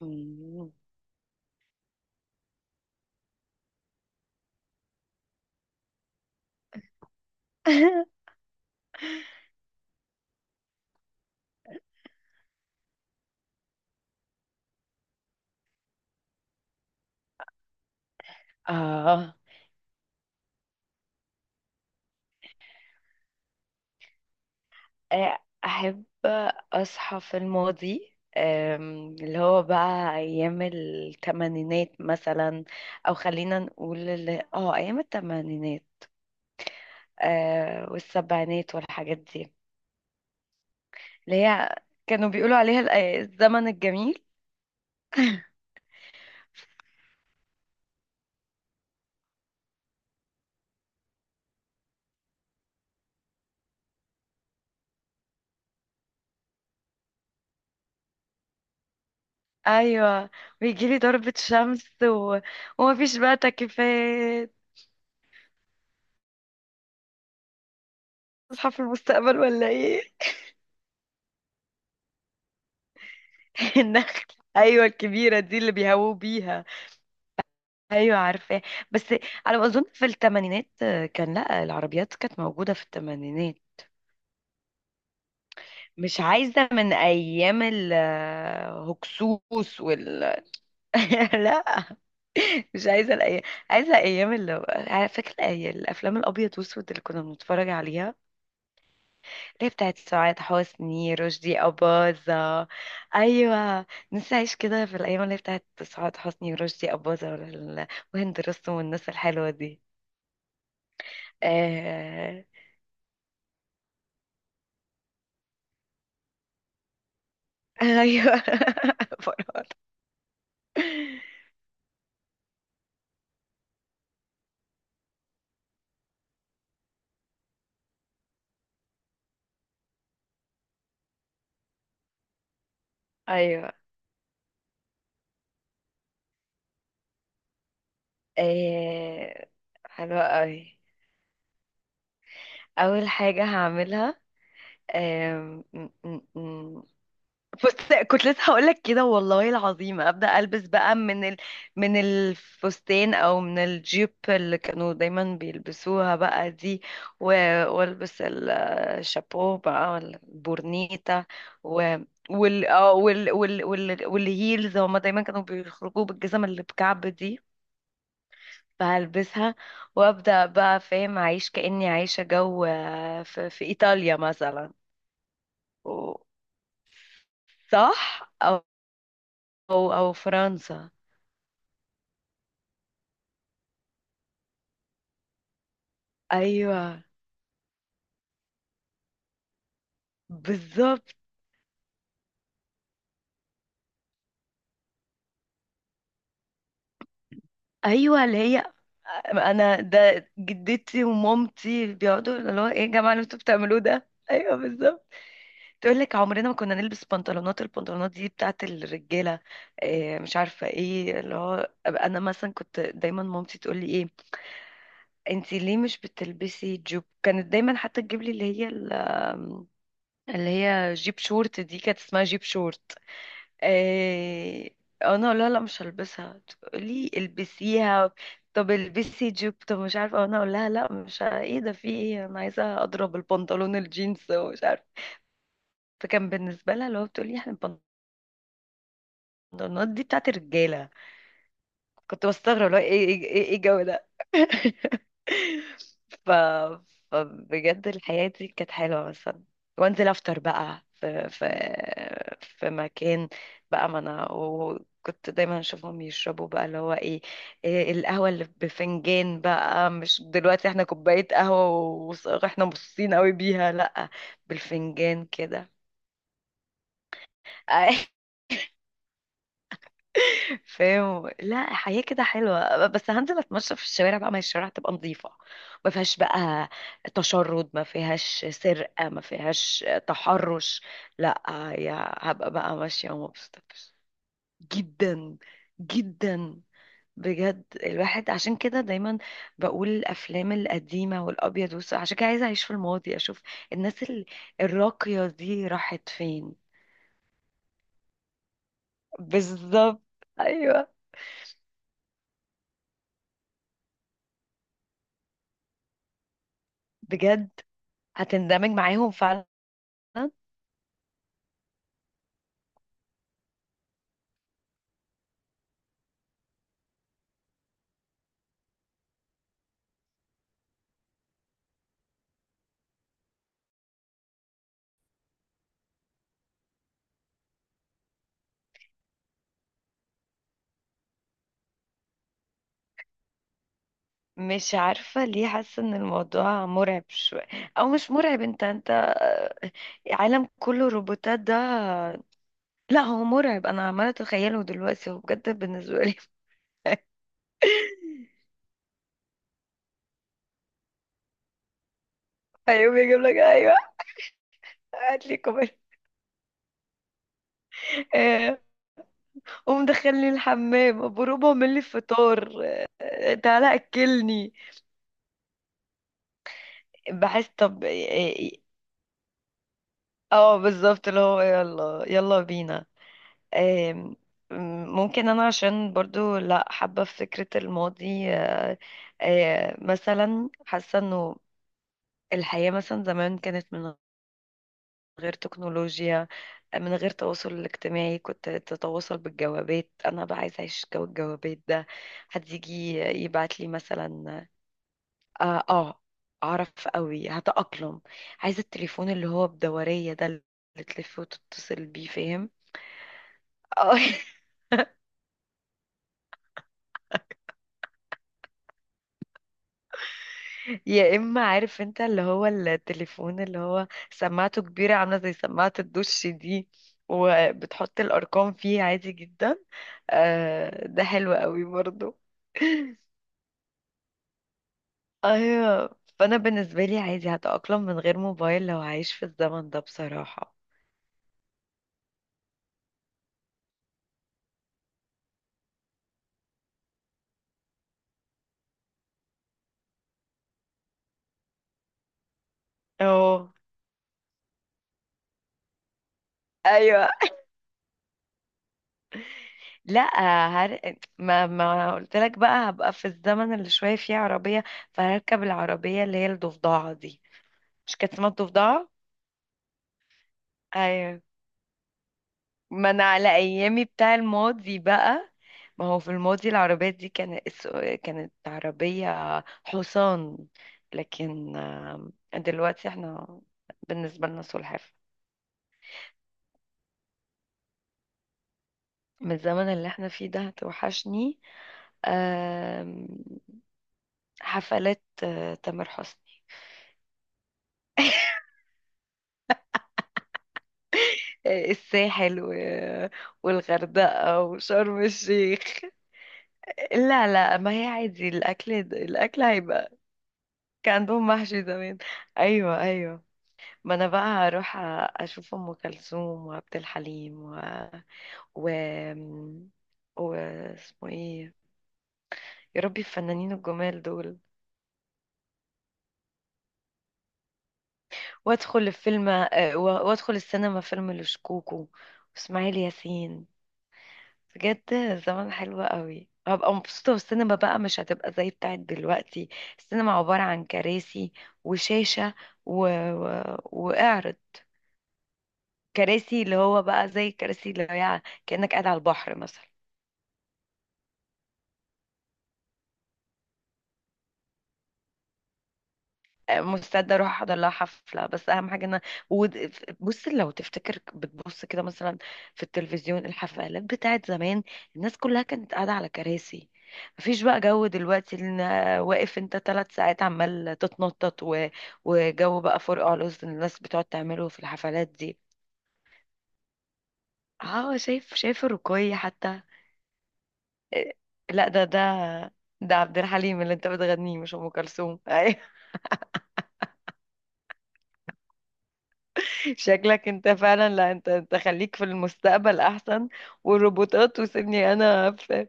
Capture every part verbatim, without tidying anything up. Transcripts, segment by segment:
مم. آه آه، أحب أصحى في الماضي، آم، اللي هو بقى أيام التمانينات مثلا. أو خلينا نقول اللي اه أيام التمانينات، آه والسبعينات والحاجات دي، اللي هي كانوا بيقولوا عليها الأي- الزمن الجميل. أيوة، ويجيلي ضربة شمس و... ومفيش بقى تكييفات. أصحى في المستقبل ولا إيه؟ النخل، ايوه الكبيره دي اللي بيهووا بيها. ايوه عارفاه، بس على ما اظن في الثمانينات كان، لا، العربيات كانت موجوده في الثمانينات. مش عايزه من ايام الهكسوس وال لا، مش عايزه الايام، عايزه ايام اللي فاكره، الأي- الافلام الابيض واسود اللي كنا بنتفرج عليها، اللي بتاعت سعاد حسني رشدي أباظة. أيوة، نفسي أعيش كده في الأيام اللي بتاعت سعاد حسني ورشدي أباظة وال- وهند رستم والناس الحلوة دي. آه... أيوة. فرح. أيوه. آه... حلوة أوي. أول حاجة هعملها، آم، فستان. كنت لسه هقولك كده، والله العظيم، ابدا البس بقى من ال... من الفستان او من الجيب اللي كانوا دايما بيلبسوها بقى دي، و... والبس ال- الشابو بقى ولا البورنيتا، و... وال... آه، وال... وال... وال... والهيلز. هما دايما كانوا بيخرجوا بالجزم اللي بكعب دي، فهلبسها وابدا بقى فاهم اعيش كاني عايشه جو، آه، في, في ايطاليا مثلا و- صح، او او, أو فرنسا. ايوه بالظبط. ايوه اللي هي، انا ده جدتي ومامتي بيقعدوا اللي هو، ايه يا جماعه اللي انتوا بتعملوه ده؟ ايوه بالظبط. تقول لك: عمرنا ما كنا نلبس بنطلونات، البنطلونات دي بتاعت الرجاله. إيه مش عارفه ايه اللي هو، انا مثلا كنت دايما مامتي تقول لي: ايه، انتي ليه مش بتلبسي جوب؟ كانت دايما حتى تجيب لي اللي هي ال- اللي هي جيب شورت، دي كانت اسمها جيب شورت. إيه، انا اقول لها لا مش هلبسها، تقولي البسيها. طب البسي جيب. طب مش عارفه، آه، انا اقول لها: لا مش ه- ايه ده، في ايه، انا عايزه اضرب البنطلون الجينز ومش عارفه. فكان بالنسبه لها اللي هو بتقولي: احنا البنطلونات دي بتاعت الرجاله. كنت بستغرب اللي هو ايه ايه ايه إيه الجو ده؟ ف... فبجد الحياة دي كانت حلوة مثلا. وانزل افطر بقى في في في مكان بقى. ما انا وكنت دايما اشوفهم يشربوا بقى، اللي هو ايه, إيه، القهوة اللي بفنجان بقى، مش دلوقتي احنا كوباية قهوة واحنا مبسوطين قوي بيها، لأ، بالفنجان كده. فاهم، لا حياة كده حلوة. بس هنزل اتمشى في الشوارع بقى، ما هي الشوارع تبقى نظيفة، ما فيهاش بقى تشرد، ما فيهاش سرقة، ما فيهاش تحرش، لا، يا هبقى بقى ماشية ومبسوطة. جدا جدا، بجد الواحد عشان كده دايما بقول الافلام القديمه والابيض والاسود، عشان كده عايزه اعيش في الماضي، اشوف الناس ال- الراقيه دي راحت فين. بالظبط. ايوه بجد هتندمج معاهم فعلا. مش عارفة ليه حاسة ان الموضوع مرعب شوية، او مش مرعب، انت انت عالم كله روبوتات ده. لا هو مرعب، انا عمالة اتخيله دلوقتي، هو بجد بالنسبة لي. ايوه يجيب لك، ايوه هات لي كمان، آه، قوم دخلني الحمام ابو روبا، اعمل لي فطار، آه، تعالى اكلني. بحس طب اه، آه، آه، آه، بالظبط اللي هو يلا يلا بينا. آم، ممكن انا عشان برضو لا حابة في فكرة الماضي، آه، آه، مثلا حاسة انه الحياة مثلا زمان كانت من غير تكنولوجيا، آه، من غير تواصل اجتماعي، كنت تتواصل بالجوابات، انا بقى عايزة اعيش جو الجوابات ده. حد يجي يبعت لي مثلا، اه، آه، اعرف قوي هتأقلم. عايزة التليفون اللي هو بدورية ده، اللي تلف وتتصل بيه، فاهم. اه. يا اما، عارف انت اللي هو التليفون اللي هو سماعته كبيرة عاملة زي سماعة الدش دي، وبتحط الارقام فيه عادي جدا. آه ده حلو قوي برضو. ايوه، فانا بالنسبة لي عادي هتأقلم من غير موبايل لو هعيش في الزمن ده بصراحة. اه ايوه. لا، هر... ما ما قلت لك بقى، هبقى في الزمن اللي شويه فيه عربيه، فهركب العربيه اللي هي الضفدعه دي. مش كانت اسمها الضفدعه؟ ايوه. ما انا على ايامي بتاع الماضي بقى. ما هو في الماضي العربيات دي كانت، كانت عربية حصان. لكن آم، دلوقتي احنا بالنسبة لنا سلحفاة. من الزمن اللي احنا فيه ده توحشني، آم، حفلات آه، تامر حسني، آه، الساحل و- والغردقة وشرم الشيخ. لا لا، ما هي عادي، الأكل الأكل هيبقى كان عندهم محشي زمان. أيوة أيوة، ما انا بقى هروح اشوف ام كلثوم وعبد الحليم و و و اسمه ايه، يا ربي الفنانين الجمال دول. وادخل الفيلم، آه، و- وادخل السينما فيلم لشكوكو واسماعيل ياسين. بجد زمان حلو قوي، هبقى مبسوطة، والسينما بقى مش هتبقى زي بتاعت دلوقتي، السينما عبارة عن كراسي وشاشة و... و... وإعرض. كراسي اللي هو بقى زي الكراسي اللي هي كأنك قاعد على البحر مثلا. مستعده اروح احضر لها حفله، بس اهم حاجه ان أنا- ود- بص، لو تفتكر بتبص كده مثلا في التلفزيون الحفلات بتاعت زمان، الناس كلها كانت قاعده على كراسي، مفيش بقى جو دلوقتي ان واقف انت ثلاث ساعات عمال تتنطط و... وجو بقى فرقع على الناس بتقعد تعمله في الحفلات دي. اه شايف شايف الرقية حتى. إيه، لا ده ده ده عبد الحليم اللي انت بتغنيه مش ام كلثوم. شكلك انت فعلا، لا انت انت خليك في المستقبل احسن. والروبوتات، وسيبني انا في,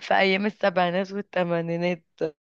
في ايام السبعينات والثمانينات